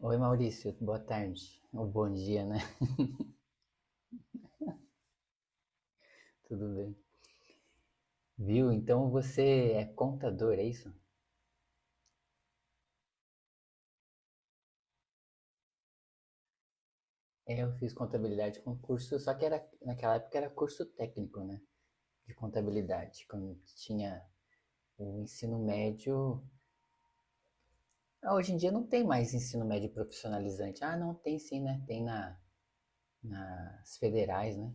Oi Maurício, boa tarde. Ou bom dia, né? Tudo bem. Viu? Então você é contador, é isso? É, eu fiz contabilidade com curso, só que era naquela época era curso técnico, né? De contabilidade, quando tinha o ensino médio. Ah, hoje em dia não tem mais ensino médio profissionalizante. Ah, não, tem sim, né? Tem nas federais, né?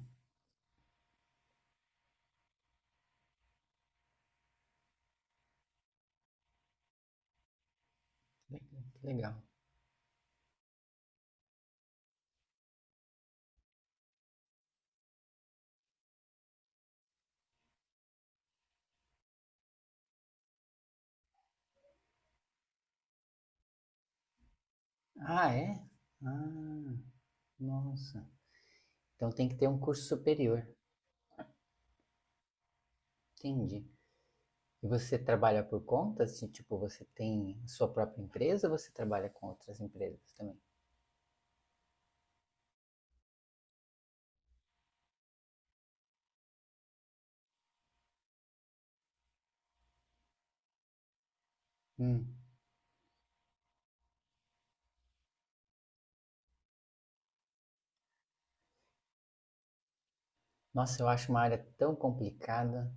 Que legal. Ah, é? Ah, nossa. Então tem que ter um curso superior. Entendi. E você trabalha por conta? Assim, tipo, você tem sua própria empresa ou você trabalha com outras empresas também? Hum. Nossa, eu acho uma área tão complicada.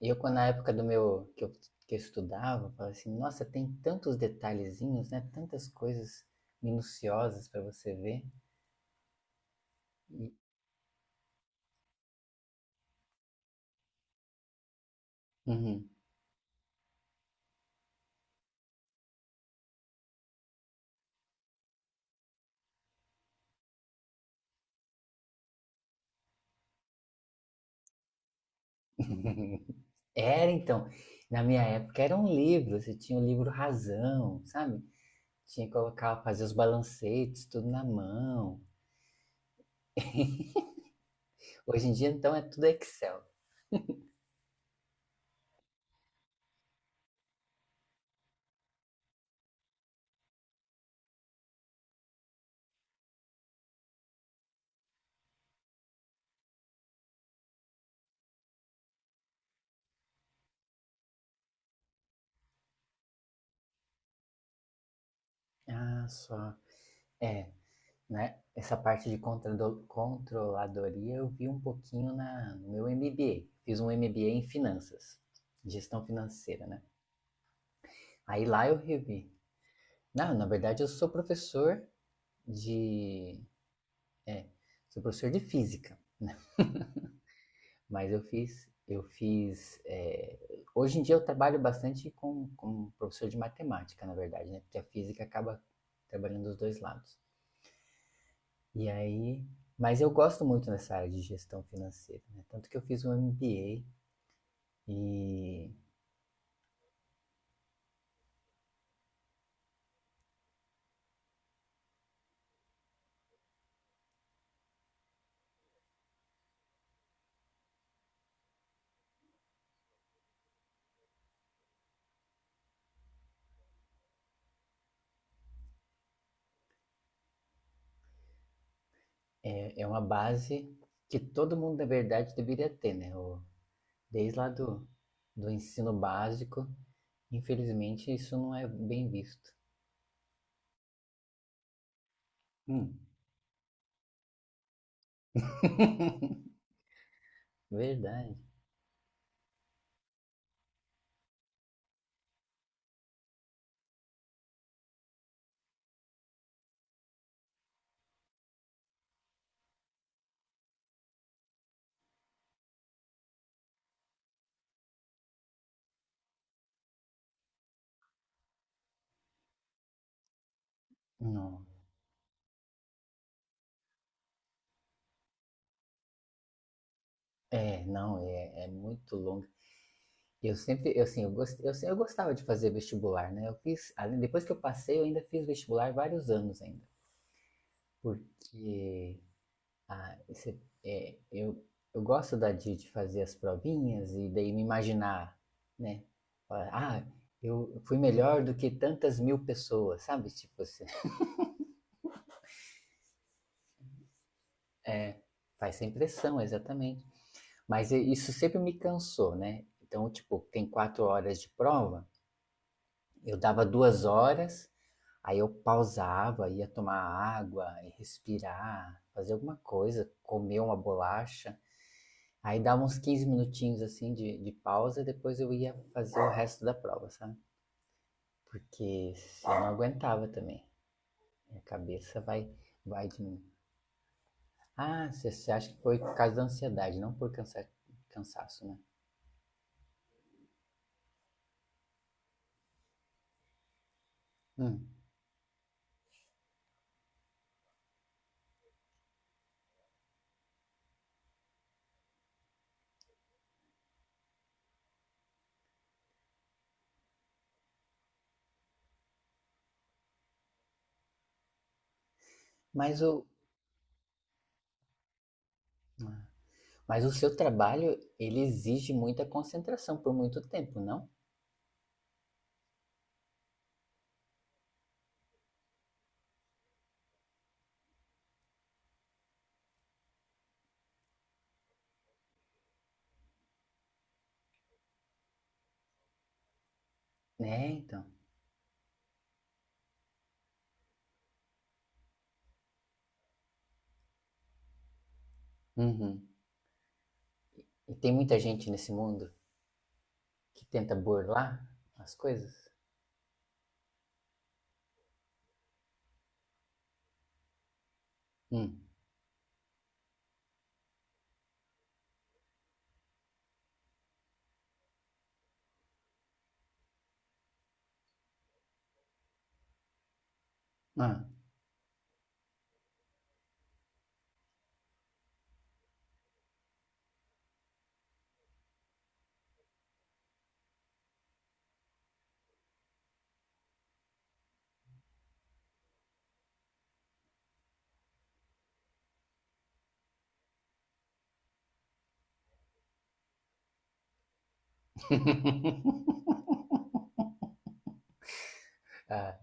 Eu, quando na época do meu que eu, Que eu estudava, eu falava assim, nossa, tem tantos detalhezinhos, né? Tantas coisas minuciosas para você ver. E- Uhum. Era então, na minha época era um livro, você tinha o livro Razão, sabe? Tinha que colocar, fazer os balancetes, tudo na mão. Hoje em dia, então, é tudo Excel. Ah, só. É, né? Essa parte de controladoria eu vi um pouquinho no meu MBA. Fiz um MBA em finanças, gestão financeira, né? Aí lá eu revi. Não, na verdade eu sou professor de, é, sou professor de física, né? Mas eu fiz, eu fiz. É, hoje em dia eu trabalho bastante com professor de matemática, na verdade, né? Porque a física acaba trabalhando dos dois lados. E aí, mas eu gosto muito nessa área de gestão financeira, né? Tanto que eu fiz um MBA e é, é uma base que todo mundo, na verdade, deveria ter, né? Desde lá do ensino básico, infelizmente, isso não é bem visto. Hum, verdade. Não. É, não, é, é muito longo. Eu sempre, eu, assim, eu, gost, eu, se- Eu gostava de fazer vestibular, né? Eu fiz, além, depois que eu passei, eu ainda fiz vestibular vários anos ainda. Porque ah, eu gosto de fazer as provinhas e daí me imaginar, né? Falar, ah, eu fui melhor do que tantas mil pessoas, sabe? Tipo assim, é, faz essa impressão, exatamente. Isso sempre me cansou, né? Então, tipo, tem quatro horas de prova, eu dava duas horas, aí eu pausava, ia tomar água, ia respirar, fazer alguma coisa, comer uma bolacha. Aí dava uns 15 minutinhos assim de pausa e depois eu ia fazer o resto da prova, sabe? Porque eu não aguentava também. Minha cabeça vai, vai de mim. Ah, você acha que foi por causa da ansiedade, não por cansaço, né? Hum. Mas o, mas o seu trabalho, ele exige muita concentração por muito tempo, não? Né, então. Uhum. E tem muita gente nesse mundo que tenta burlar as coisas? Hum. Ah. Ah,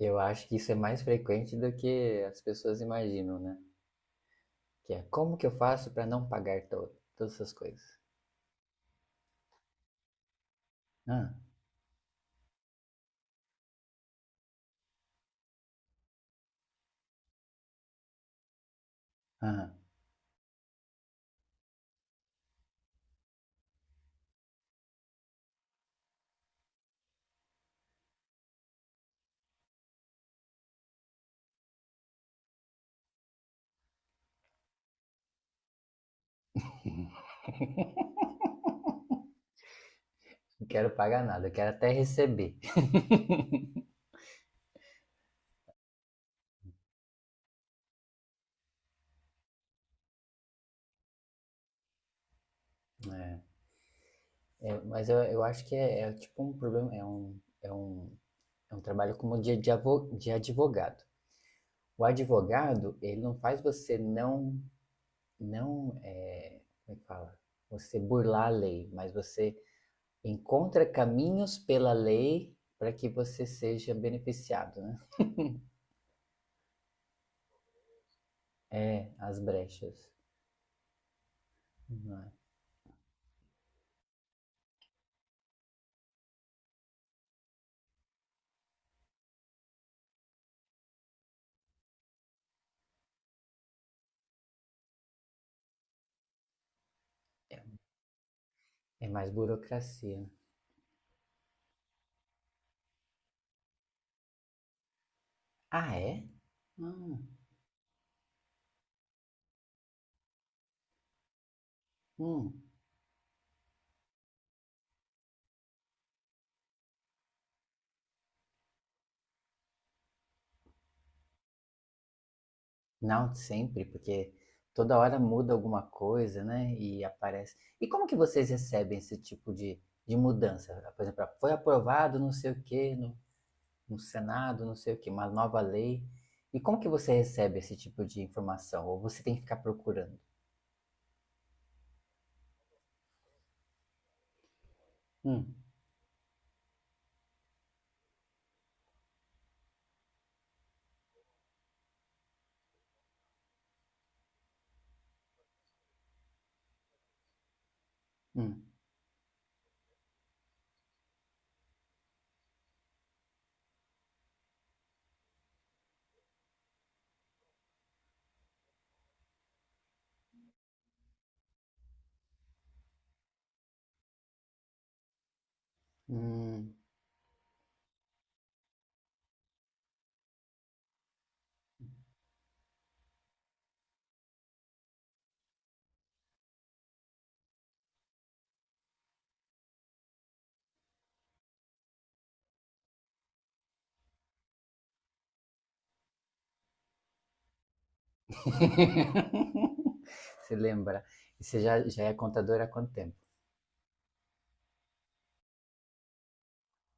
eu acho que isso é mais frequente do que as pessoas imaginam, né? Que é como que eu faço para não pagar to todas essas coisas? Ah, ah, não quero pagar nada, eu quero até receber. É, é, mas eu acho que é, é tipo um problema, é um trabalho como de advogado. O advogado, ele não faz você não, não, é, como é que fala? Você burlar a lei, mas você encontra caminhos pela lei para que você seja beneficiado, né? É, as brechas. Não é. É mais burocracia. Ah, é? Hum, hum. Não sempre, porque toda hora muda alguma coisa, né? E aparece. E como que vocês recebem esse tipo de mudança? Por exemplo, foi aprovado não sei o quê no Senado, não sei o quê, uma nova lei. E como que você recebe esse tipo de informação? Ou você tem que ficar procurando? Hum, hum, hum. Você lembra? E você já é contadora há quanto tempo?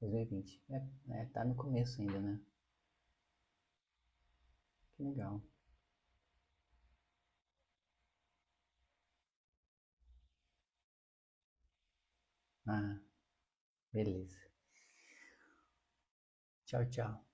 2020. É, é, tá no começo ainda, né? Que legal. Ah, beleza. Tchau, tchau.